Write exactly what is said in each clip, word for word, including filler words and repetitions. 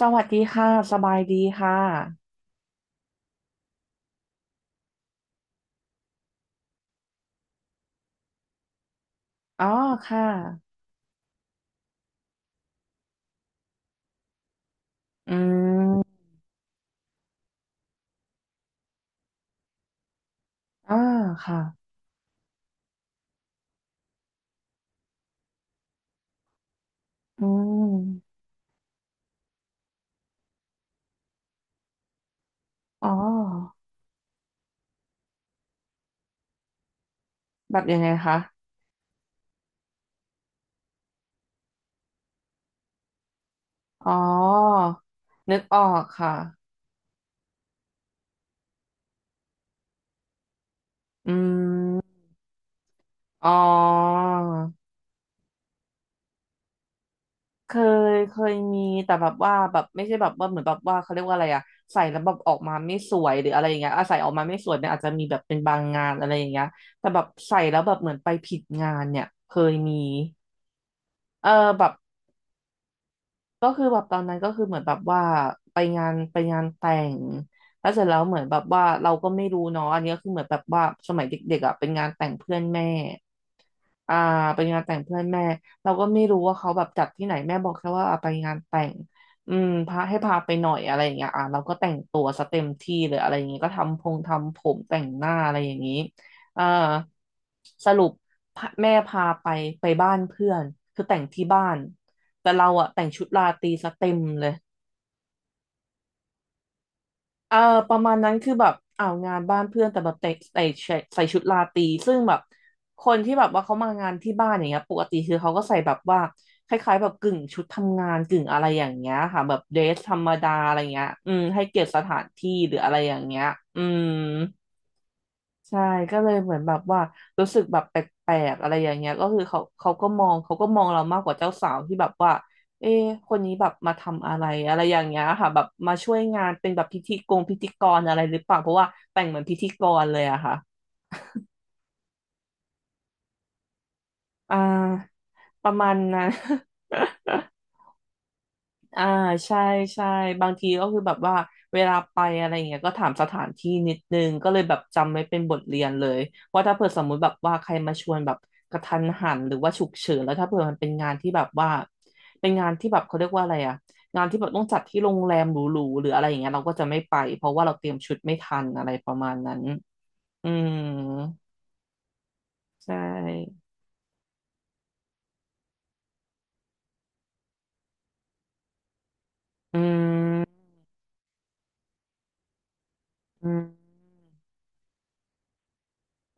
สวัสดีค่ะสบายดีค่ะ อ๋อค่ะอืมอ่าค่ะอืมอ๋อแบบยังไงคะอ๋อนึกออกค่ะอืมอ๋อเคยเคยมีแต่แบบว่าแบบไม่ใช่แบบว่าเหมือนแบบว่าเขาเรียกว่าอะไรอะใส่แล้วแบบออกมาไม่สวยหรืออะไรอย่างเงี้ยอะใส่ออกมาไม่สวยเนี่ยอาจจะมีแบบเป็นบางงานอะไรอย่างเงี้ยแต่แบบใส่แล้วแบบเหมือนไปผิดงานเนี่ยเคยมีเออแบบ ก็คือแบบตอนนั้นก็คือเหมือนแบบว่าไปงานไปงานแต่งแล้วเสร็จแล้วเหมือนแบบว่าเราก็ไม่รู้เนาะอันนี้ก็คือเหมือนแบบว่าสมัยเด็กๆอ่ะเป็นงานแต่งเพื่อนแม่อ่าไปงานแต่งเพื่อนแม่เราก็ไม่รู้ว่าเขาแบบจัดที่ไหนแม่บอกแค่ว่าอ่ะไปงานแต่งอืมพาให้พาไปหน่อยอะไรอย่างเงี้ยอ่ะเราก็แต่งตัวซะเต็มที่เลยอะไรอย่างเงี้ยก็ทำพงทำผมแต่งหน้าอะไรอย่างงี้อ่าสรุปพาแม่พาไปไปบ้านเพื่อนคือแต่งที่บ้าน แต่เราอะแต่งชุดราตรีซะเต็มเลยเออประมาณนั้นคือแบบเอางานบ้านเพื่อนแต่แบบแต่งใส่ใส่ใส่ชุดราตรีซึ่งแบบคนที่แบบว่าเขามางานที่บ้านอย่างเงี้ยปกติคือเขาก็ใส่แบบว่าคล้ายๆแบบกึ่งชุดทำงานกึ่งอะไรอย่างเงี้ยค่ะแบบเดรสธรรมดาอะไรเงี้ยอืมให้เกียรติสถานที่หรืออะไรอย่างเงี้ยอืม ใช่ก็เลยเหมือนแบบว่ารู้สึกแบบแปลกๆอะไรอย่างเงี้ยก็คือเขาเขาก็มองเขาก็มองเรามากกว่าเจ้าสาวที่แบบว่าเอ๊ะคนนี้แบบมาทำอะไรอะไรอย่างเงี้ยค่ะแบบมาช่วยงานเป็นแบบพิธีกรพิธีกรอะไรหรือเปล่าเพราะว่าแต่งเหมือนพิธีกรเลยอะค่ะอ่าประมาณนั้น อ่าใช่ใช่บางทีก็คือแบบว่าเวลาไปอะไรอย่างเงี้ยก็ถามสถานที่นิดนึงก็เลยแบบจำไว้เป็นบทเรียนเลยว่าถ้าเผื่อสมมุติแบบว่าใครมาชวนแบบกระทันหันหรือว่าฉุกเฉินแล้วถ้าเผื่อมันเป็นงานที่แบบว่าเป็นงานที่แบบเขาเรียกว่าอะไรอะงานที่แบบต้องจัดที่โรงแรมหรูๆหรืออะไรอย่างเงี้ยเราก็จะไม่ไปเพราะว่าเราเตรียมชุดไม่ทันอะไรประมาณนั้นอืมใช่อืมอืม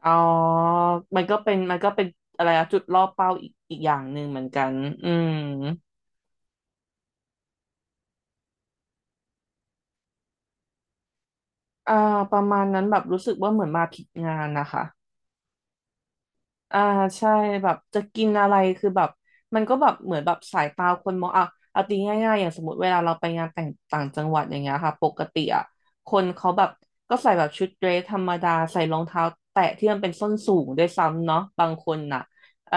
อ๋อ มันก็เป็น มันก็เป็นอะไรอะจุดล่อเป้าอีกอีกอย่างหนึ่งเหมือนกัน อืม อ่าประมาณนั้นแบบรู้สึกว่าเหมือนมาผิดงานนะคะ อ่าใช่แบบจะกินอะไรคือแบบมันก็แบบเหมือนแบบสายตาคนมองอ่ะเอาตีง่ายๆอย่างสมมติเวลาเราไปงานแต่งต่างจังหวัดอย่างเงี้ยค่ะปกติอ่ะคนเขาแบบก็ใส่แบบชุดเดรสธรรมดาใส่รองเท้าแตะที่มันเป็นส้นสูงด้วยซ้ำเนาะบางคนน่ะเอ่อ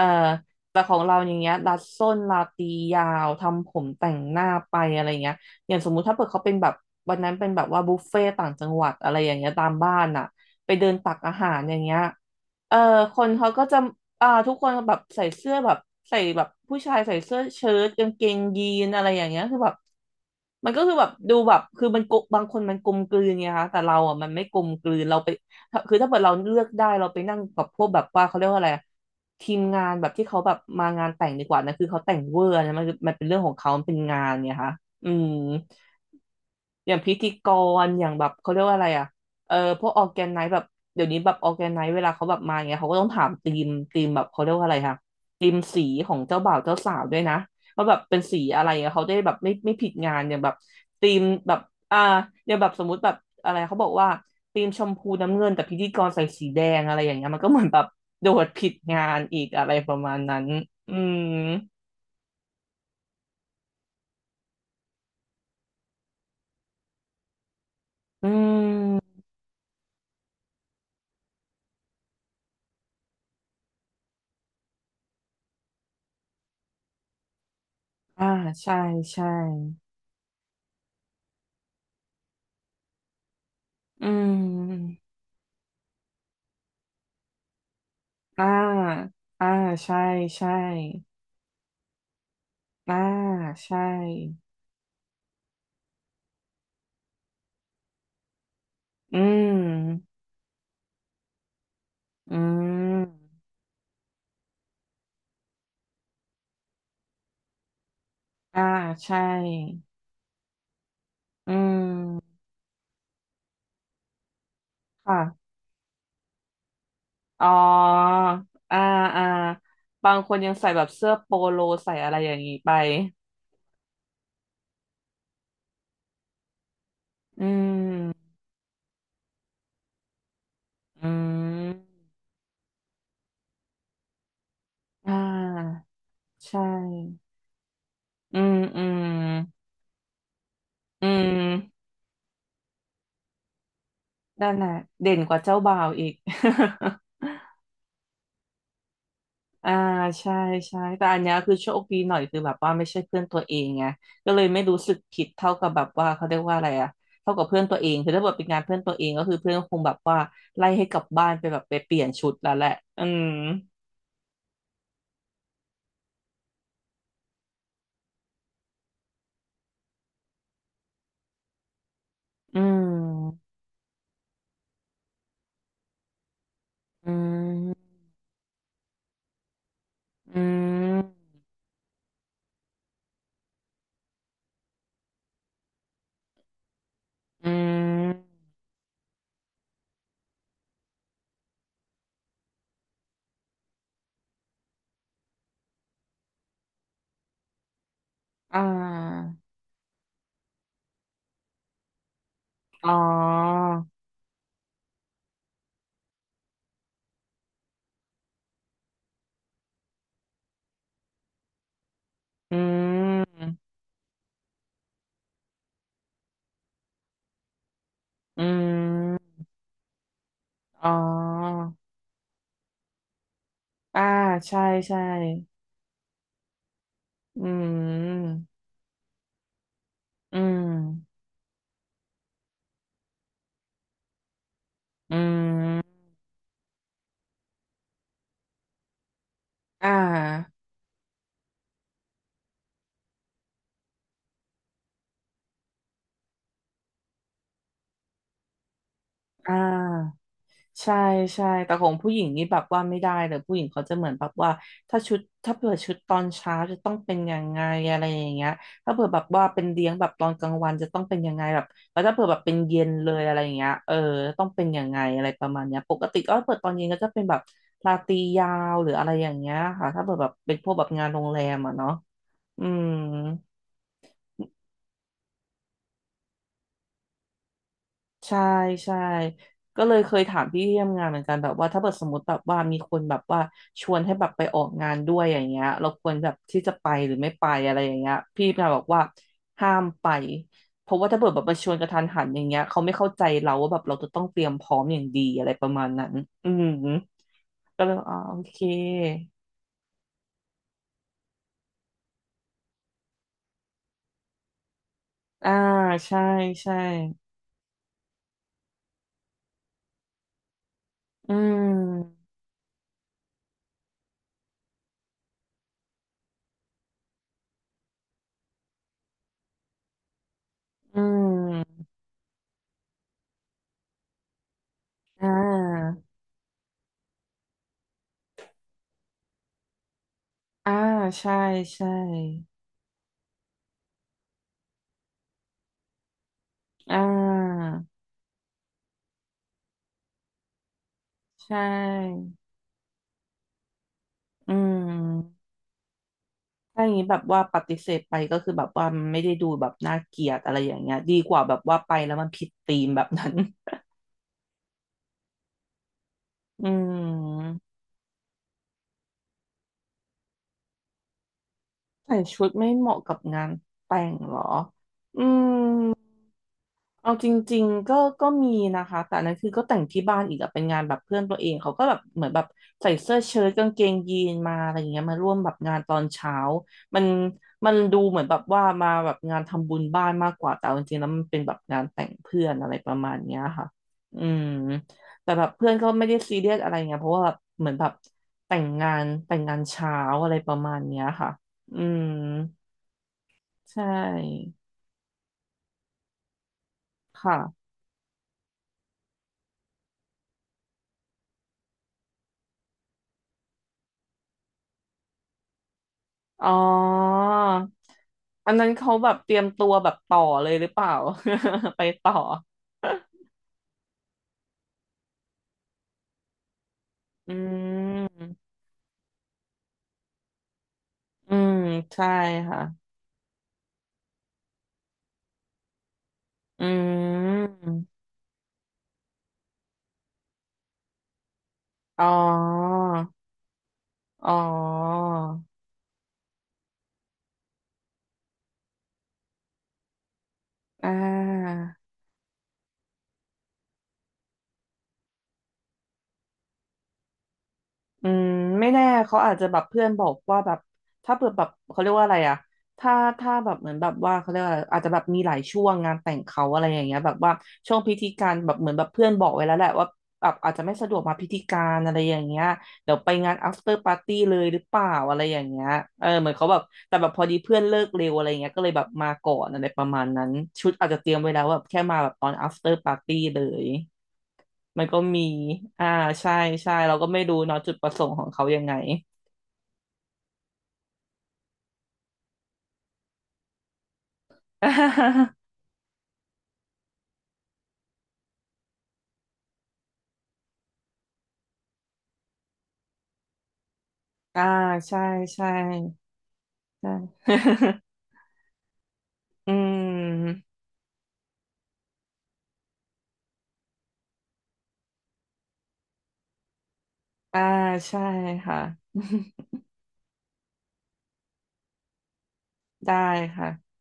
แต่ของเราอย่างเงี้ยรัดส้นลาตียาวทำผมแต่งหน้าไปอะไรเงี้ยอย่างสมมุติถ้าเกิดเขาเป็นแบบวันนั้นเป็นแบบว่าบุฟเฟ่ต่างจังหวัดอะไรอย่างเงี้ยตามบ้านน่ะไปเดินตักอาหารอย่างเงี้ย เออคนเขาก็จะอ่าทุกคนแบบใส่เสื้อแบบใส่แบบผู้ชายใส่เสื้อเชิ้ตกางเกงยีนอะไรอย่างเงี้ยคือแบบมันก็คือแบบดูแบบคือมันกบบางคนมันกลมกลืนไงคะแต่เราอ่ะมันไม่กลมกลืนเราไปคือถ้าเกิดเราเลือกได้เราไปนั่งกับพวกแบบว่าเขาเรียกว่าอะไรอะทีมงานแบบที่เขาแบบมางานแต่งดีกว่านะคือเขาแต่งเวอร์นะมันมันเป็นเรื่องของเขามันเป็นงานไงคะอืม อย่างพิธีกรอย่างแบบเขาเรียกว่าอะไรอ่ะเออพวกออแกนไนซ์แบบเดี๋ยวนี้แบบออแกนไนซ์เวลาเขาแบบมาอย่างเงี้ยเขาก็ต้องถามธีมธีมแบบเขาเรียกว่าอะไรคะธีมสีของเจ้าบ่าวเจ้าสาวด้วยนะว่าแบบเป็นสีอะไรอะเขาได้แบบไม่ไม่ผิดงานอย่างแบบธีมแบบอ่าอย่างแบบสมมุติแบบอะไรเขาบอกว่าธีมชมพูน้ำเงินแต่พิธีกรใส่สีแดงอะไรอย่างเงี้ยมันก็เหมือนแบบโดดผิดงานอีกอะไรประมาณนั้นอืมอืมอ่าใช่ใช่อืม อ่าอ่าใช่ใช่อ่าใช่ อืมอืมอ่าใช่อืมค่ะอ๋ออ่าอ่าบางคนยังใส่แบบเสื้อโปโลใส่อะไรอย่างนี้ไปอืมอืมอ่าใช่อืมอืมอืมนั่นแหละเด่นกว่าเจ้าบ่าวอีก อ่าใช่ใช่แต่อันเนี้ยคือโชคดีหน่อยคือแบบว่าไม่ใช่เพื่อนตัวเองไงก็เลยไม่รู้สึกผิดเท่ากับแบบว่าเขาเรียกว่าอะไรอะเท่ากับเพื่อนตัวเองคือถ้าเกิดเป็นงานเพื่อนตัวเองก็คือเพื่อนคงแบบว่าไล่ให้กลับบ้านไปแบบไปเปลี่ยนชุดแล้วแหละอืมอืมอืมอืมอืมอ่าอ๋ออืมอืมอ๋ออ่าใช่ใช่อืมอืมอืม อ่าอ่าใช่ใช่แต่ของผู้หญิงนี่แบบว่าไม่ได้เลยผู้หญิงเขาจะเหมือนแบบว่าถ้าชุดถ้าเผื่อชุดตอนเช้าจะต้องเป็นยังไงอะไรอย่างเงี้ยถ้าเผื่อแบบว่าเป็นเลี้ยงแบบตอนกลางวันจะต้องเป็นยังไงแบบแล้วถ้าเผื่อแบบเป็นเย็นเลยอะไรอย่างเงี้ยเออต้องเป็นยังไงอะไรประมาณเนี้ยปกติก็เปิดตอนเย็นก็จะเป็นแบบราตรียาวหรืออะไรอย่างเงี้ยค่ะถ้าเผื่อแบบเป็นพวกแบบงานโรงแรมอ่ะเนาะอืม ใช่ใช่ก็เลยเคยถามพี่ที่ทำงานเหมือนกันแบบว่าถ้าเกิดสมมติแบบว่ามีคนแบบว่าชวนให้แบบไปออกงานด้วยอย่างเงี้ยเราควรแบบที่จะไปหรือไม่ไปอะไรอย่างเงี้ยพี่มาบอกว่าห้ามไปเพราะว่าถ้าเกิดแบบมาชวนกระทันหันอย่างเงี้ยเขาไม่เข้าใจเราว่าแบบเราจะต้องเตรียมพร้อมอย่างดีอะไรประมาณนั้นอืมก็เลยอ๋อโอเคอ่าใช่ใช่อืมอืมอ่าอ่าใช่ใช่อ่า ใช่ อืมถ้าอย่างนี้แบบว่าปฏิเสธไปก็คือแบบว่ามันไม่ได้ดูแบบน่าเกลียดอะไรอย่างเงี้ยดีกว่าแบบว่าไปแล้วมันผิดธีมแบบนั้น อืมใส่ชุดไม่เหมาะกับงานแต่งเหรออืม เอาจริงๆก็ก็มีนะคะแต่อันนั้นคือก็แต่งที่บ้านอีกอะเป็นงานแบบเพื่อนตัวเองเขาก็แบบเหมือนแบบใส่เสื้อเชิ้ตกางเกงยีนมาอะไรอย่างเงี้ยมาร่วมแบบงานตอนเช้ามันมันดูเหมือนแบบว่ามาแบบงานทำบุญบ้านมากกว่าแต่เอาจริงๆแล้วมันเป็นแบบงานแต่งเพื่อนอะไรประมาณเนี้ยค่ะอืมแต่แบบเพื่อนก็ไม่ได้ซีเรียสอะไรเงี้ยเพราะว่าแบบเหมือนแบบแต่งงานแต่งงานเช้าอะไรประมาณเนี้ยค่ะอืมใช่ค่ะ อ๋อ อันนั้นเขาแบบเตรียมตัวแบบต่อเลยหรือเปล่า ไปต่อ อืมอืมใช่ค่ะ อืม อ๋อ อ๋ออ่า อืมไม่แน่เขาอาจจะแบบเพื่อนบอกว่าแบบถ้าเปิดแบบเขาเรียกว่าอะไรอะถ้าถ้าแบบเหมือนแบบว่าเขาเรียกว่าอะไรอาจจะแบบมีหลายช่วงงานแต่งเขาอะไรอย่างเงี้ยแบบว่าช่วงพิธีการแบบเหมือนแบบเพื่อนบอกไว้แล้วแหละว่าแบบอาจจะไม่สะดวกมาพิธีการอะไรอย่างเงี้ยเดี๋ยวไปงาน after party เลยหรือเปล่าอะไรอย่างเงี้ยเออเหมือนเขาแบบแต่แบบพอดีเพื่อนเลิกเร็วอะไรเงี้ยก็เลยแบบมาก่อนอะไรประมาณนั้นชุดอาจจะเตรียมไว้แล้วแบบแค่มาแบบตอน after party เลย มันก็มี อ่า ใช่ ใช่ เราก็ไม่รู้เนาะจุดประสงค์ของเขายังไง อ่า ใช่ ใช่ ใช่ อืมอ่า ใช่ค่ะ ได้ค่ะ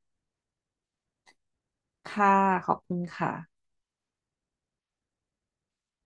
ค่ะขอบคุณค่ะ